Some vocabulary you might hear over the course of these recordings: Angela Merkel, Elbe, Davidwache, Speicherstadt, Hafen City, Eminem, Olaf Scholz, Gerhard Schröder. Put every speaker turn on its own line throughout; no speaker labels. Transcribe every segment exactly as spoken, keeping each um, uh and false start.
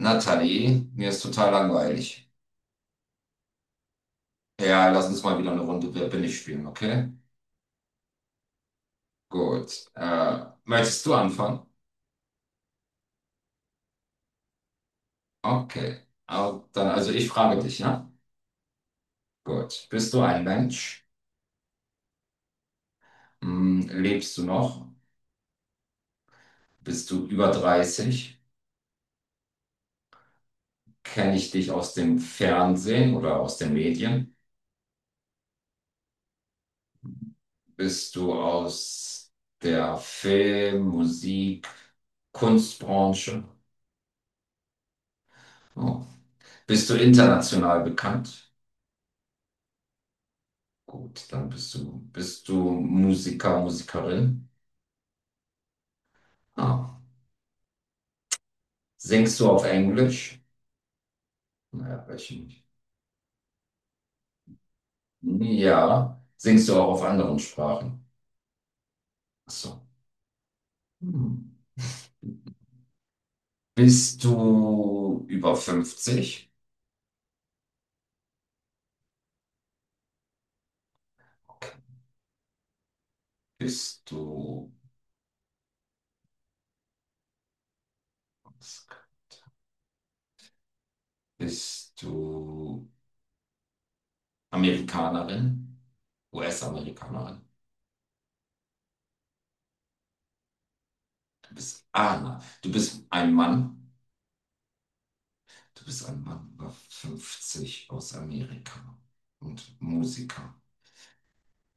Nathalie, mir ist total langweilig. Ja, lass uns mal wieder eine Runde Wer bin ich spielen, okay? Gut. Äh, möchtest du anfangen? Okay. Au, dann, also ich frage dich, ja? Gut. Bist du ein Mensch? Hm, lebst du noch? Bist du über dreißig? Kenne ich dich aus dem Fernsehen oder aus den Medien? Bist du aus der Film-, Musik-, Kunstbranche? Oh. Bist du international bekannt? Gut, dann bist du, bist du Musiker, Musikerin. Ah. Singst du auf Englisch? Naja, welche nicht? Ja. Singst du auch auf anderen Sprachen? Ach so. Hm. Bist du über fünfzig? Okay. Bist du, bist du Amerikanerin? U S-Amerikanerin? Du bist, ah, na, du bist ein Mann. Du bist ein Mann über fünfzig aus Amerika und Musiker.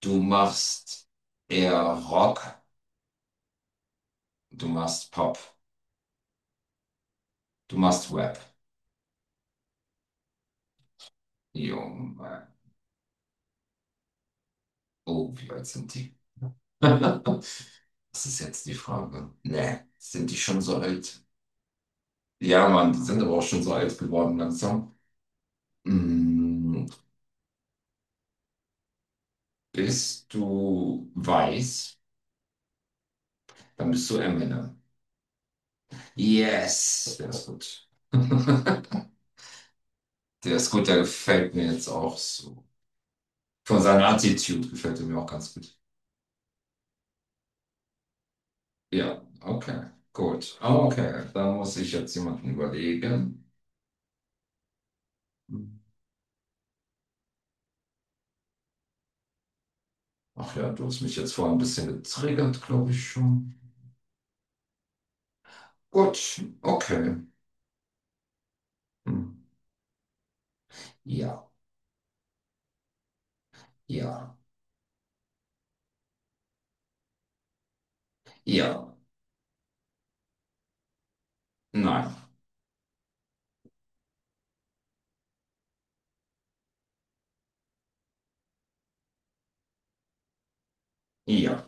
Du machst eher Rock, du machst Pop, du machst Rap. Junge, oh, wie alt sind die? Das ist jetzt die Frage. Nee, sind die schon so alt? Ja, Mann, die sind aber auch schon so alt geworden langsam. Mm, Bist du weiß? Dann bist du Eminem. Yes, der ist gut. Der ist gut, der gefällt mir jetzt auch so. Von seiner Attitude gefällt er mir auch ganz gut. Ja, okay, gut. Okay, da muss ich jetzt jemanden überlegen. Ach ja, du hast mich jetzt vorhin ein bisschen getriggert, glaube ich schon. Gut, okay. Hm. Ja, ja, ja, nein, ja,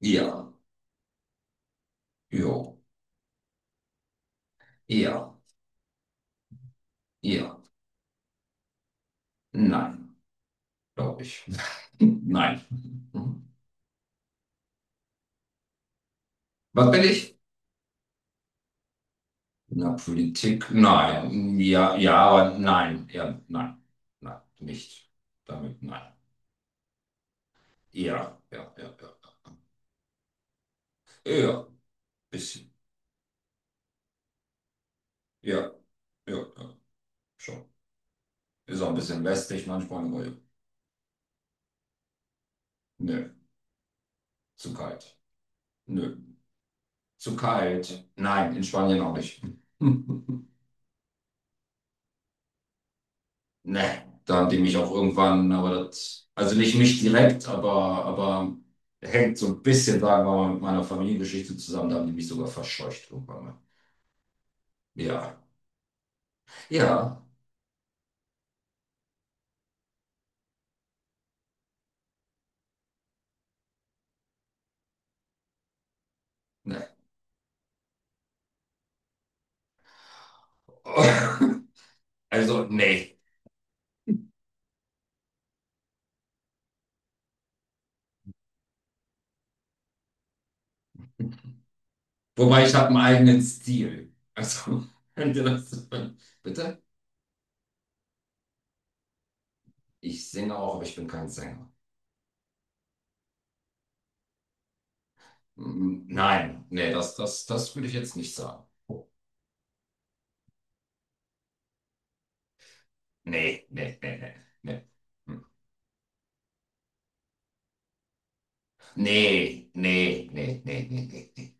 ja, jo, ja, ja, nein, glaube ich. Nein. Hm. Was bin ich? Na, Politik, nein. Ja, ja, aber nein, ja, nein, nein, nicht. Damit nein. Ja, ja, ja, ja. Ja, bisschen. Ja, ja, ja, schon. Ist auch ein bisschen lästig manchmal, aber ja. Nö, zu kalt. Nö, zu kalt. Nein, in Spanien auch nicht. Ne, da haben die mich auch irgendwann, aber das, also nicht mich direkt, aber, aber hängt so ein bisschen, sagen wir mal, mit meiner Familiengeschichte zusammen, da haben die mich sogar verscheucht irgendwann mal. Ja, ja, ne. Also, nee. Wobei ich habe einen eigenen Stil. Also, wenn dir das. So, bitte? Ich singe auch, aber ich bin kein Sänger. Mm, Nein, nee, das, das, das würde ich jetzt nicht sagen. Nee, nee, nee, nee, nee. Hm. Nee, nee, nee, nee, nee, nee.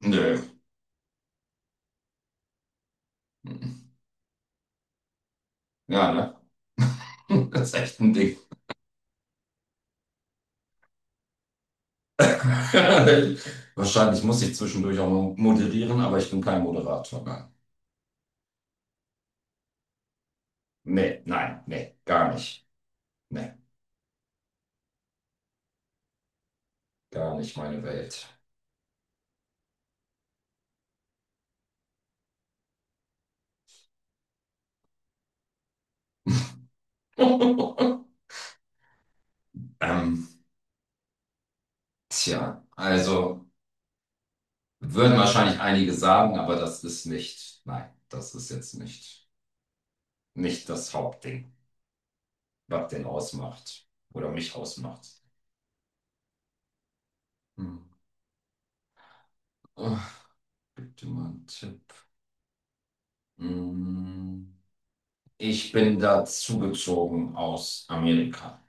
Nee. Nö. Mm. Ja, ne? Das ist echt ein Ding. Wahrscheinlich muss ich zwischendurch auch mal moderieren, aber ich bin kein Moderator. Nein. Nee, nein, nee, gar nicht. Nee, gar nicht meine Welt. Ähm, tja, also. Würden wahrscheinlich einige sagen, aber das ist nicht, nein, das ist jetzt nicht, nicht das Hauptding, was den ausmacht oder mich ausmacht. Hm. Oh, bitte mal einen Tipp. Hm. Ich bin da zugezogen aus Amerika,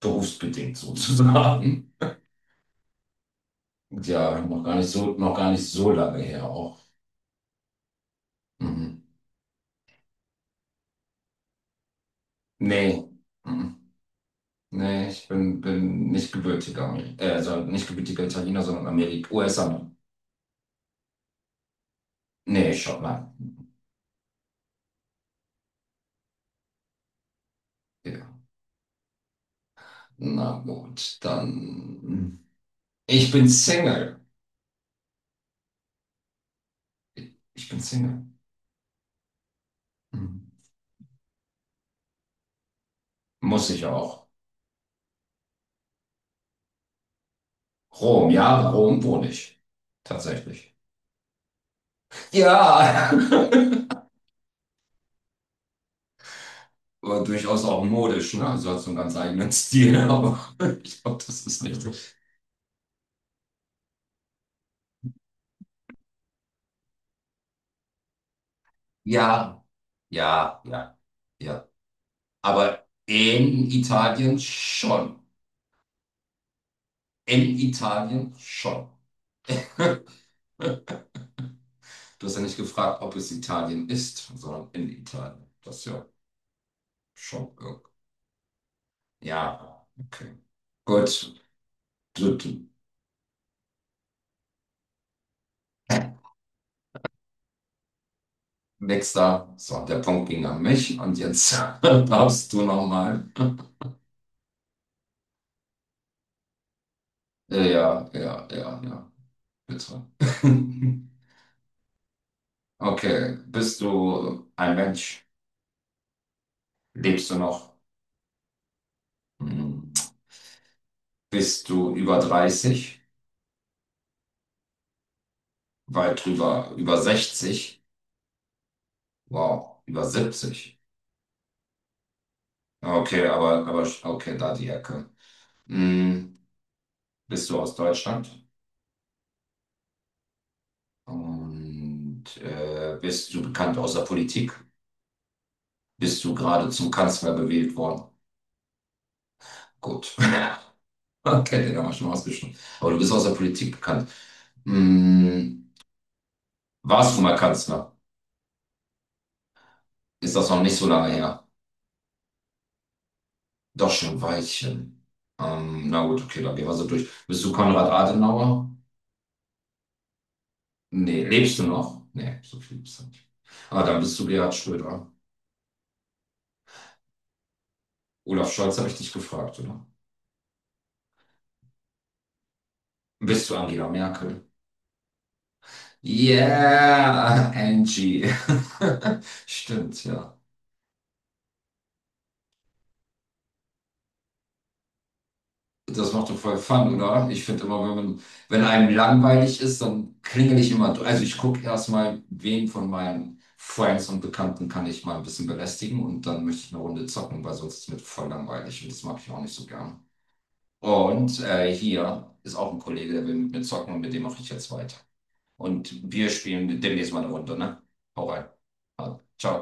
berufsbedingt sozusagen. Ja, noch gar nicht so, noch gar nicht so lange her auch. Mhm. Nee, mhm. Nee, ich bin, bin nicht gebürtiger, Ameri- äh, also nicht gebürtiger Italiener, sondern Amerik U S-Amerikaner. Nee, Schottland. Ja. Na gut, dann. Ich bin Single. Ich bin Single. Mhm. Muss ich auch. Rom, ja, Rom wohne ich. Tatsächlich. Ja, aber durchaus auch modisch, ne? Also hat so einen ganz eigenen Stil, aber ich glaube, das ist nicht so. Ja, ja, ja, ja. Aber in Italien schon. In Italien schon. Du hast ja nicht gefragt, ob es Italien ist, sondern in Italien. Das ist ja schon irgendwie. Ja, okay. Gut. Du, du. Nächster. So, der Punkt ging an mich und jetzt darfst du nochmal. Ja, ja, ja, ja. ja. Bitte. Okay. Bist du ein Mensch? Lebst du noch? Hm. Bist du über dreißig? Weit drüber, über sechzig? Wow, über siebzig? Okay, aber, aber, okay, da die Ecke. Hm, bist du aus Deutschland? Und äh, bist du bekannt aus der Politik? Bist du gerade zum Kanzler gewählt worden? Gut. Okay, den haben wir schon ausgeschlossen. Aber du bist aus der Politik bekannt. Hm, warst du mal Kanzler? Ist das noch nicht so lange her? Doch schon ein Weilchen. Ähm, na gut, okay, dann gehen wir so durch. Bist du Konrad Adenauer? Nee, lebst du noch? Nee, so viel gibt's da nicht. Ah, dann bist du Gerhard Schröder. Olaf Scholz habe ich dich gefragt, oder? Bist du Angela Merkel? Yeah, Angie. Stimmt, ja. Das macht doch voll Fun, oder? Ich finde immer, wenn man, wenn einem langweilig ist, dann klingel ich immer durch. Also ich gucke erstmal, wen von meinen Friends und Bekannten kann ich mal ein bisschen belästigen, und dann möchte ich eine Runde zocken, weil sonst ist mir voll langweilig und das mag ich auch nicht so gern. Und äh, hier ist auch ein Kollege, der will mit mir zocken, und mit dem mache ich jetzt weiter. Und wir spielen demnächst mal eine Runde, ne? Hau rein. Also, ciao.